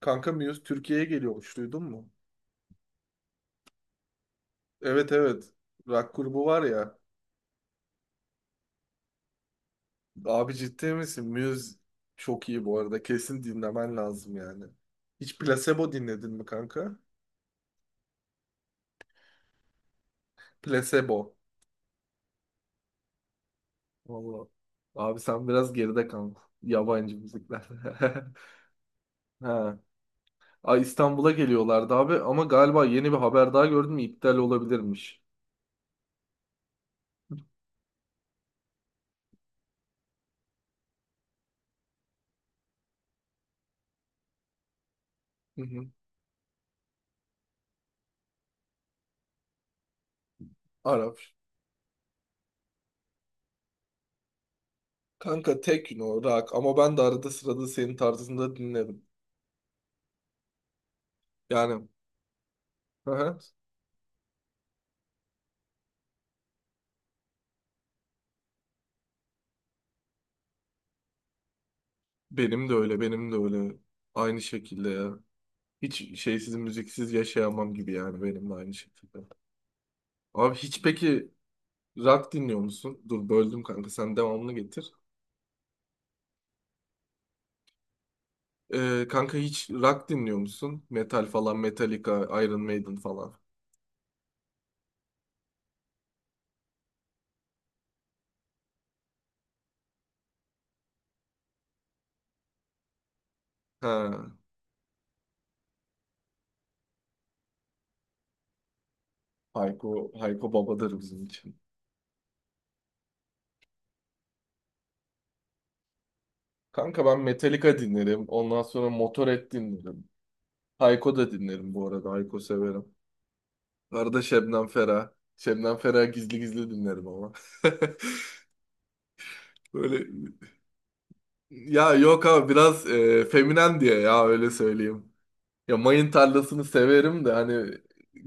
Kanka Muse Türkiye'ye geliyormuş duydun mu? Evet, evet. Rock grubu var ya. Abi ciddi misin? Muse çok iyi bu arada. Kesin dinlemen lazım yani. Hiç Placebo dinledin mi kanka? Placebo. Vallahi. Abi sen biraz geride kaldın. Yabancı müzikler. Ha. Ay, İstanbul'a geliyorlardı abi ama galiba yeni bir haber daha gördüm, iptal olabilirmiş. Hı hı. Arap. Kanka tek o rock ama ben de arada sırada senin tarzında dinlerim. Yani. Hı hı. Benim de öyle, benim de öyle. Aynı şekilde ya. Hiç şeysiz, müziksiz yaşayamam gibi yani, benim de aynı şekilde. Abi hiç peki rock dinliyor musun? Dur, böldüm kanka, sen devamını getir. Kanka hiç rock dinliyor musun? Metal falan, Metallica, Iron Maiden falan. Ha, Hayko, Hayko babadır bizim için. Kanka ben Metallica dinlerim. Ondan sonra Motorhead dinlerim. Hayko da dinlerim bu arada. Hayko severim. Bu arada Şebnem Ferah. Şebnem Ferah gizli gizli dinlerim ama. Böyle ya, yok abi, biraz feminen diye, ya öyle söyleyeyim. Ya, mayın tarlasını severim de hani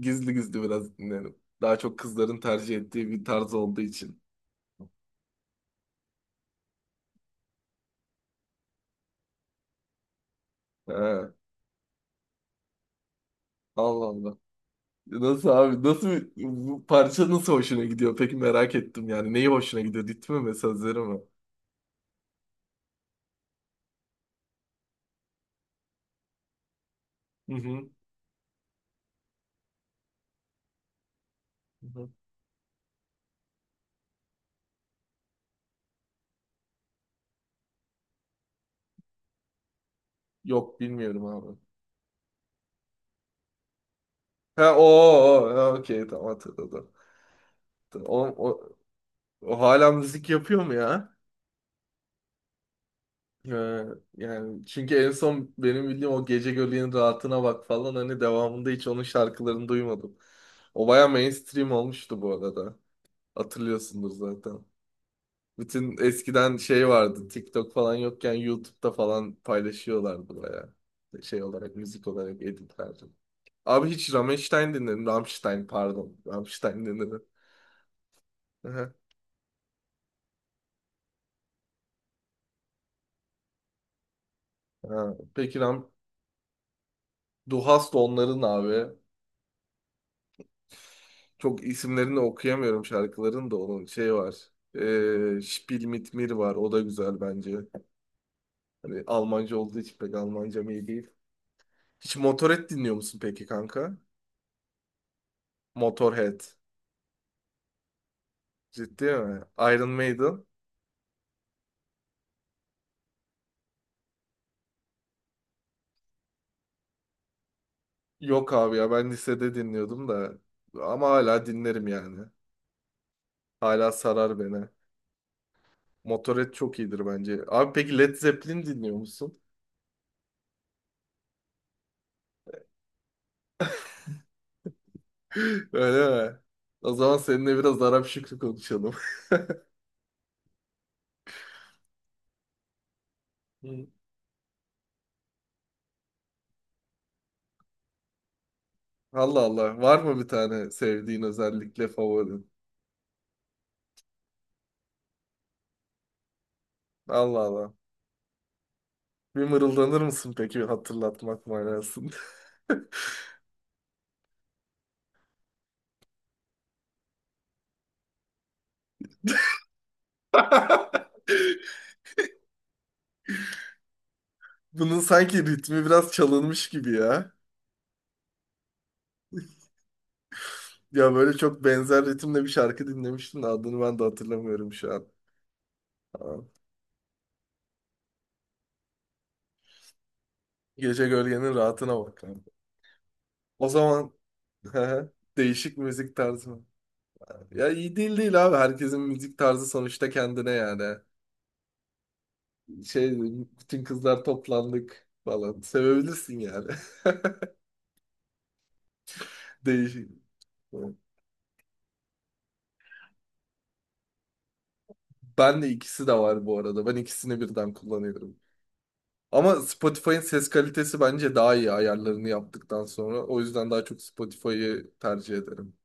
gizli gizli biraz dinlerim. Daha çok kızların tercih ettiği bir tarz olduğu için. He, Allah Allah. Nasıl abi? Nasıl, bu parça nasıl hoşuna gidiyor? Peki, merak ettim yani. Neyi hoşuna gidiyor? Ritmi mi, sözleri mi? Hı hı. Hı hı. Yok bilmiyorum abi. Ha o o o, ha, okey tamam, hatırladım. O, o, o hala müzik yapıyor mu ya? Ee, Yani çünkü en son benim bildiğim o Gece Göleğin Rahatına Bak falan, hani devamında hiç onun şarkılarını duymadım. O baya mainstream olmuştu bu arada. Hatırlıyorsundur zaten. Bütün eskiden şey vardı, TikTok falan yokken YouTube'da falan paylaşıyorlardı baya. Şey olarak, müzik olarak editlerdi. Abi hiç Rammstein dinledim. Rammstein, pardon. Rammstein dinledim. Aha. Ha, peki Ram, Du Hast onların abi. Çok isimlerini okuyamıyorum şarkıların da, onun şey var. Spiel mit mir var. O da güzel bence. Hani Almanca olduğu için, pek Almancam iyi değil. Hiç Motorhead dinliyor musun peki kanka? Motorhead. Ciddi mi? Iron Maiden. Yok abi ya, ben lisede dinliyordum da. Ama hala dinlerim yani. Hala sarar beni. Motorhead çok iyidir bence. Abi peki Led Zeppelin dinliyor musun? Öyle mi? O zaman seninle biraz Arap Şükrü konuşalım. Allah Allah. Var mı bir tane sevdiğin, özellikle favorin? Allah Allah. Bir mırıldanır mısın peki, hatırlatmak manasında? Bunun sanki ritmi biraz çalınmış gibi ya. Ya böyle çok benzer ritimle bir şarkı dinlemiştim de adını ben de hatırlamıyorum şu an. Aa, Gece gölgenin rahatına bak lan. O zaman değişik müzik tarzı mı? Ya iyi değil değil abi. Herkesin müzik tarzı sonuçta kendine yani. Şey, bütün kızlar toplandık falan. Sevebilirsin yani. Değişik. Ben de ikisi de var bu arada. Ben ikisini birden kullanıyorum. Ama Spotify'ın ses kalitesi bence daha iyi ayarlarını yaptıktan sonra. O yüzden daha çok Spotify'ı tercih ederim.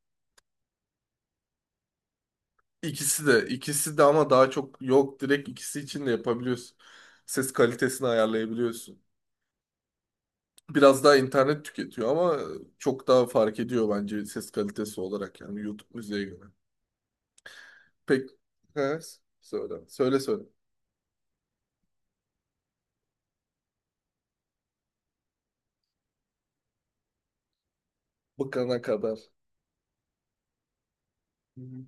İkisi de, ikisi de, ama daha çok yok, direkt ikisi için de yapabiliyorsun. Ses kalitesini ayarlayabiliyorsun. Biraz daha internet tüketiyor ama çok daha fark ediyor bence ses kalitesi olarak, yani YouTube müziğe göre. Pek he, söyle. Söyle, söyle. Bıkana kadar. Hı hı.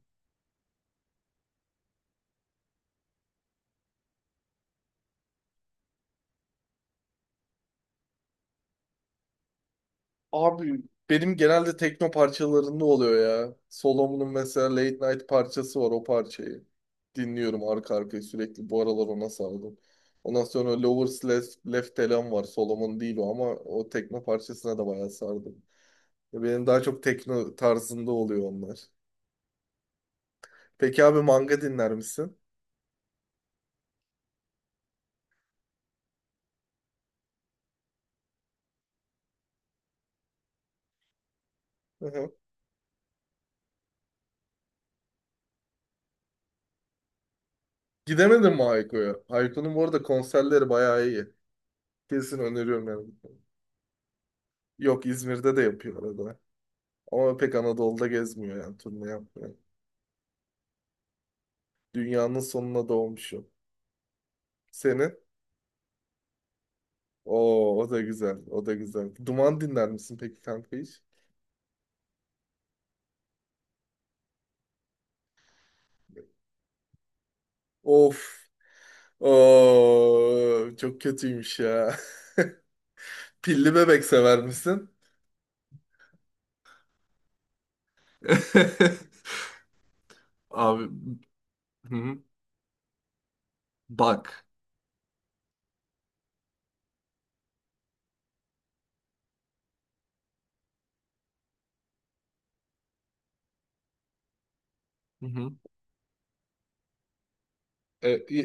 Abi, benim genelde tekno parçalarında oluyor ya. Solomon'un mesela Late Night parçası var, o parçayı. Dinliyorum arka arkaya sürekli. Bu aralar ona sardım. Ondan sonra Lovers Left, Left Elan var. Solomon değil o ama o tekno parçasına da bayağı sardım. Ya benim daha çok tekno tarzında oluyor onlar. Peki abi, manga dinler misin? Hı hı. Gidemedin mi Hayko'ya? Hayko'nun bu arada konserleri bayağı iyi. Kesin öneriyorum yani. Yok, İzmir'de de yapıyor arada. Ama pek Anadolu'da gezmiyor, yani turne yapmıyor. Dünyanın sonuna doğmuş, yok. Senin? Oo, o da güzel. O da güzel. Duman dinler misin peki kanka hiç? Of. Oo, çok kötüymüş ya. Pilli bebek sever misin? Abi, hı hı. Bak. Hı hı. E,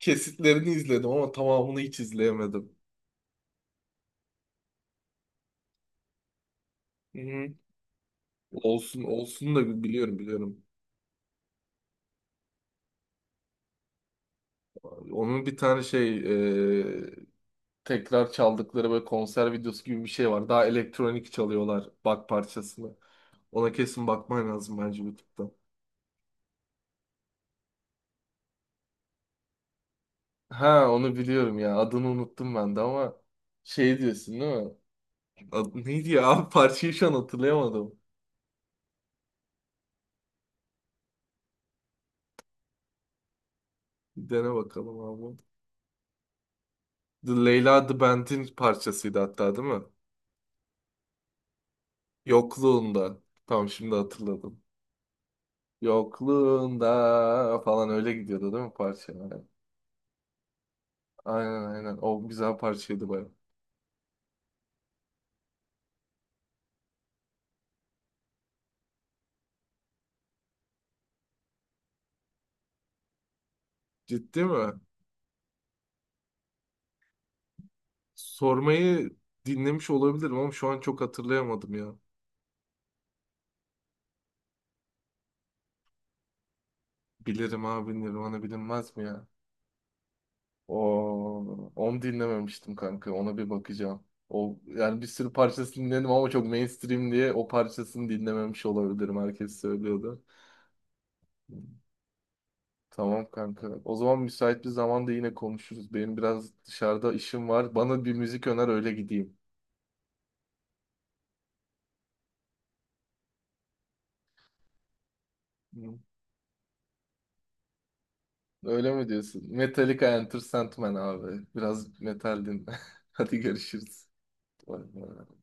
kesitlerini izledim ama tamamını hiç izleyemedim. Hı hı. Olsun, olsun da biliyorum, biliyorum. Onun bir tane şey, e, tekrar çaldıkları böyle konser videosu gibi bir şey var. Daha elektronik çalıyorlar bak parçasını. Ona kesin bakman lazım bence YouTube'da. Ha, onu biliyorum ya. Adını unuttum ben de ama şey diyorsun değil mi? Adı neydi ya? Abi, parçayı şu an hatırlayamadım. Bir dene bakalım abi. The Leyla The Band'in parçasıydı hatta değil mi? Yokluğunda. Tamam, şimdi hatırladım. Yokluğunda falan öyle gidiyordu değil mi parça? Aynen, aynen. O güzel parçaydı baya. Ciddi mi? Sormayı dinlemiş olabilirim ama şu an çok hatırlayamadım ya. Bilirim abi, Nirvana bilinmez mi ya? O, onu dinlememiştim kanka. Ona bir bakacağım. O yani bir sürü parçasını dinledim ama çok mainstream diye o parçasını dinlememiş olabilirim. Herkes söylüyordu. Tamam kanka. O zaman müsait bir zamanda yine konuşuruz. Benim biraz dışarıda işim var. Bana bir müzik öner, öyle gideyim. Hı. Öyle mi diyorsun? Metallica Enter Sandman abi. Biraz metal dinle. Hadi görüşürüz. Bay bay.